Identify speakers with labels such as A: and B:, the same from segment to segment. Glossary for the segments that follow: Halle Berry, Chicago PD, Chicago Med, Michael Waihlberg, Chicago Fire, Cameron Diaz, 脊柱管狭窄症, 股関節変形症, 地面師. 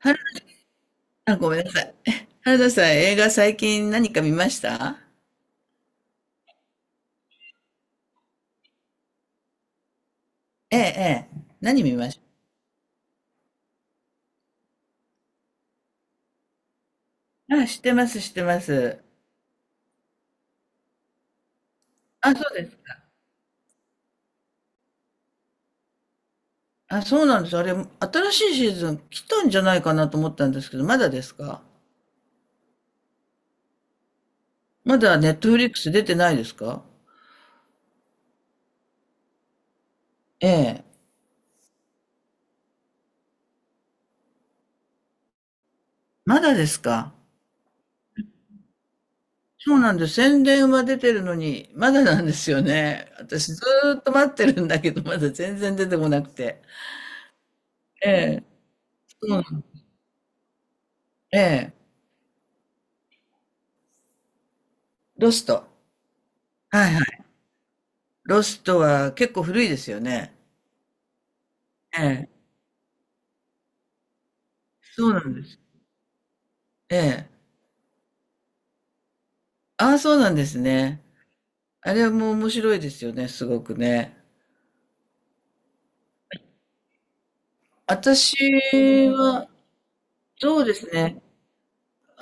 A: はさ あ、ごめんなさい。原田さん、映画最近何か見ました？ええ、ええ。何見ました？あ、知ってます、知ってます。あ、そうですか。あ、そうなんです。あれ、新しいシーズン来たんじゃないかなと思ったんですけど、まだですか？まだネットフリックス出てないですか？ええ。まだですか？そうなんです。宣伝は出てるのに、まだなんですよね。私ずーっと待ってるんだけど、まだ全然出てこなくて。ええ。そうなん、ええ。ロスト。はいはい、ロストは結構古いですよね。ええ。そうなんです。ええ。ああ、そうなんですね。あれはもう面白いですよね、すごくね。私は、そうですね。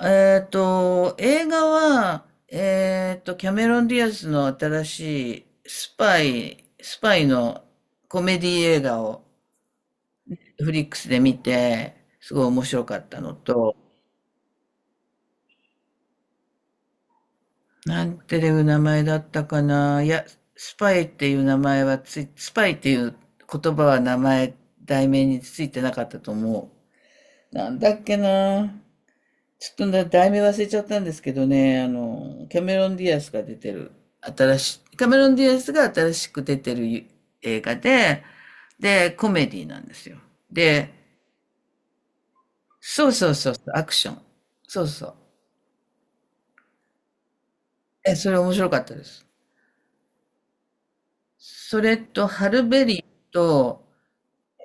A: 映画は、キャメロン・ディアスの新しいスパイ、スパイのコメディ映画をフリックスで見て、すごい面白かったのと、なんていう名前だったかな。いや、スパイっていう名前はつい、スパイっていう言葉は名前、題名についてなかったと思う。なんだっけな。ちょっとな題名忘れちゃったんですけどね、キャメロン・ディアスが出てる、新しい、キャメロン・ディアスが新しく出てる映画で、で、コメディなんですよ。で、そうそうそう、アクション。そうそう。え、それ面白かったです。それと、ハルベリーと、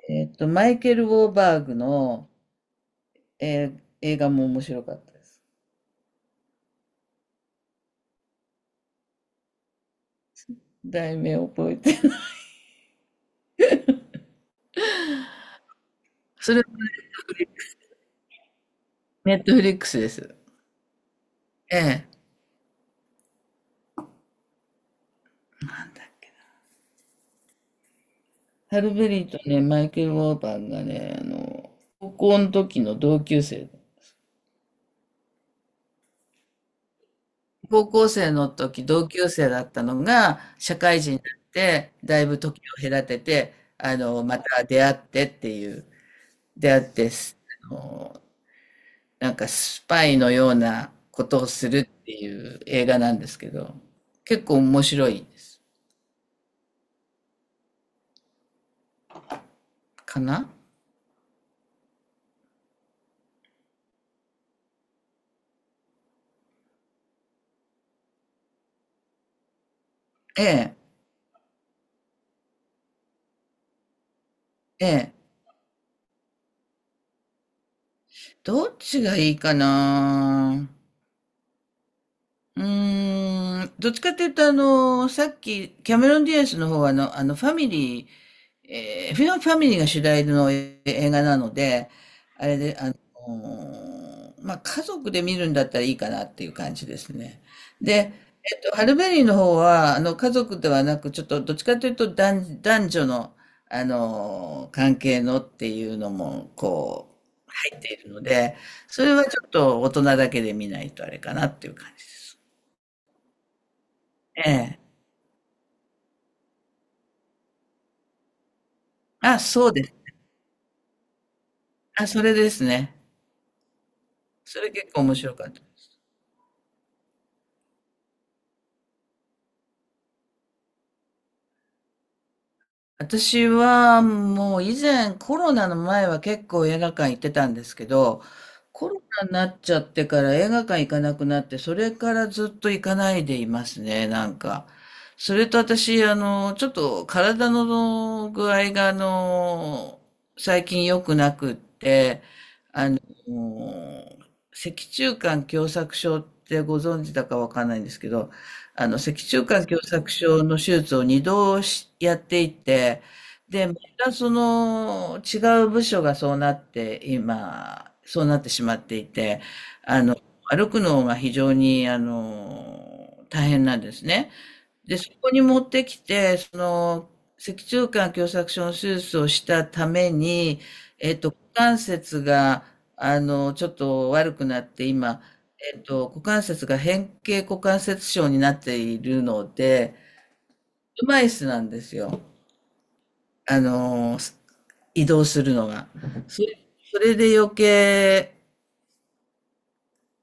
A: マイケル・ウォーバーグの、映画も面白かったです。題名覚えてない。それはネットフリックスです。ええ。なんだハルベリーとね、マイケル・ウォーバーグがね、高校の時の同級生。高校生の時同級生だったのが社会人になってだいぶ時を隔ててあのまた出会ってっていう出会ってす、あの、なんかスパイのようなことをするっていう映画なんですけど、結構面白いです。かな、ええ、ええ。どっちがいいかな。うーん、どっちかっていうと、あの、さっき、キャメロン・ディアスの方は、あの、あの、ファミリー、フィンファミリーが主題の映画なので、あれで、まあ、家族で見るんだったらいいかなっていう感じですね。で、ハルベリーの方は、あの、家族ではなく、ちょっと、どっちかというと男、男女の、関係のっていうのも、こう、入っているので、それはちょっと大人だけで見ないとあれかなっていう感じです。ええ。あ、そうです。あ、それですね。それ結構面白かった。私はもう以前コロナの前は結構映画館行ってたんですけど、コロナになっちゃってから映画館行かなくなって、それからずっと行かないでいますね、なんか。それと私、あの、ちょっと体の具合が、あの、最近良くなくって、あの、脊柱管狭窄症ってご存知だかわかんないんですけど、あの、脊柱管狭窄症の手術を2度しやっていて、で、またその違う部署がそうなって、今、そうなってしまっていて、あの、歩くのが非常に、あの、大変なんですね。で、そこに持ってきて、その、脊柱管狭窄症の手術をしたために、股関節が、あの、ちょっと悪くなって、今、股関節が変形股関節症になっているので、車椅子なんですよ。あの、移動するのが。それ、それで余計、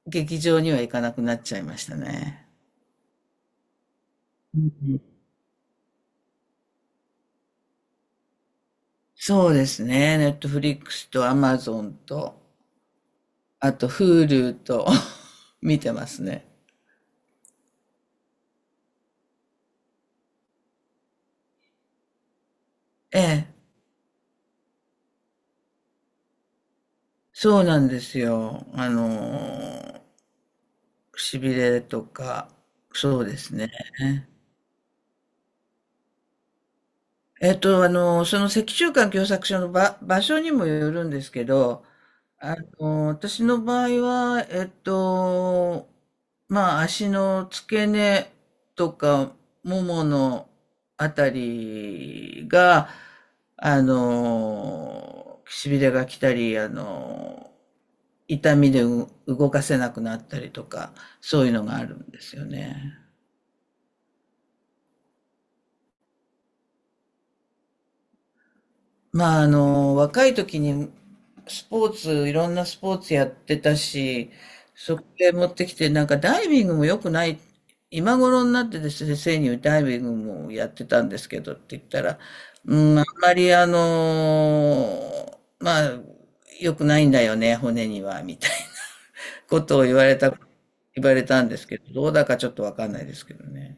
A: 劇場には行かなくなっちゃいましたね。うん、そうですね。ネットフリックスとアマゾンと。あと、Hulu と 見てますね。ええ、そうなんですよ。しびれとか、そうですね。あの、その脊柱管狭窄症の場、場所にもよるんですけど、あの、私の場合は、まあ、足の付け根とか、もものあたりが、あの、しびれが来たり、あの、痛みでう動かせなくなったりとか、そういうのがあるんですよね。まあ、あの、若い時にスポーツ、いろんなスポーツやってたし、そこで持ってきて、なんかダイビングも良くない、今頃になってですね、先生にダイビングもやってたんですけどって言ったら、うん、あんまりあの、まあ、良くないんだよね、骨には、みたいなことを言われた、言われたんですけど、どうだかちょっとわかんないですけどね。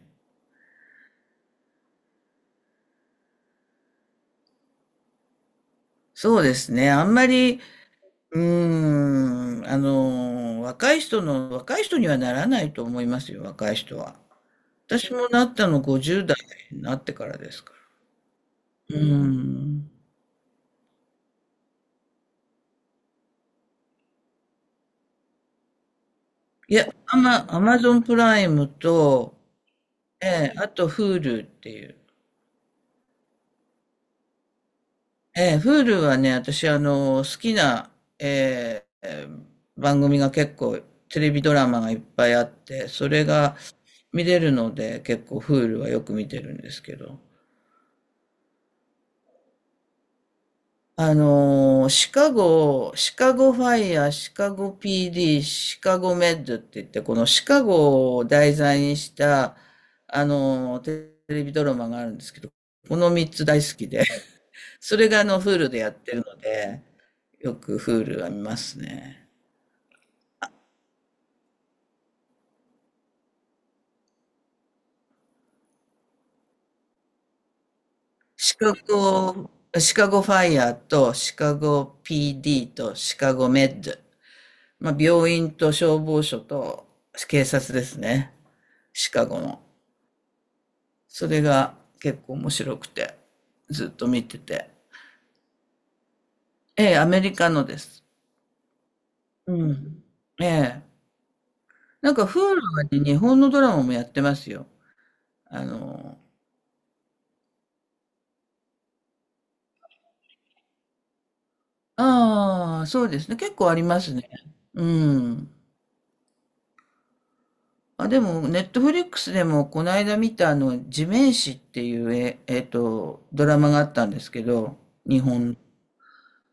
A: そうですね。あんまり、うーん、あの、若い人の若い人にはならないと思いますよ、若い人は。私もなったの50代になってからですから。うん。いや、アマ、アマゾンプライムと、ええ、あと Hulu っていう。ええ、Hulu はね、私、あの、好きな、ええ、ええ番組が結構、テレビドラマがいっぱいあって、それが見れるので、結構 Hulu はよく見てるんですけど。シカゴ、シカゴファイヤー、シカゴ PD、シカゴメッドって言って、このシカゴを題材にした、テレビドラマがあるんですけど、この3つ大好きで、それがあの、フ u でやってるので、よくフールは見ますね。シカゴ、シカゴファイヤーとシカゴ PD とシカゴメッド。まあ、病院と消防署と警察ですね。シカゴの。それが結構面白くて、ずっと見てて。ええ、アメリカのです。うん。ええ。なんか Hulu に日本のドラマもやってますよ。あの、ああ、そうですね。結構ありますね。うん。あ、でも、ネットフリックスでも、この間見た、あの、地面師っていう、え、ドラマがあったんですけど、日本。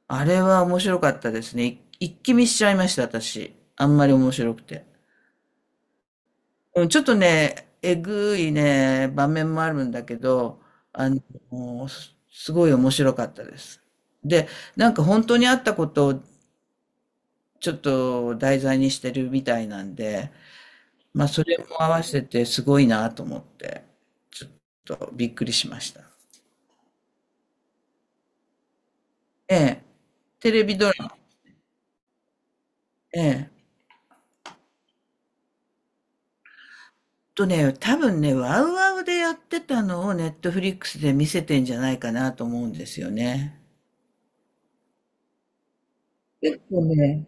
A: あれは面白かったですね。い一気見しちゃいました、私。あんまり面白くて。うんちょっとね、えぐいね、場面もあるんだけど、あの、すすごい面白かったです。で、なんか本当にあったことをちょっと題材にしてるみたいなんで、まあそれも合わせてすごいなと思って、ちょっとびっくりしました。ええ、テレビドラマ。ええ。とね、多分ね、ワウワウでやってたのをネットフリックスで見せてんじゃないかなと思うんですよね。結構ね、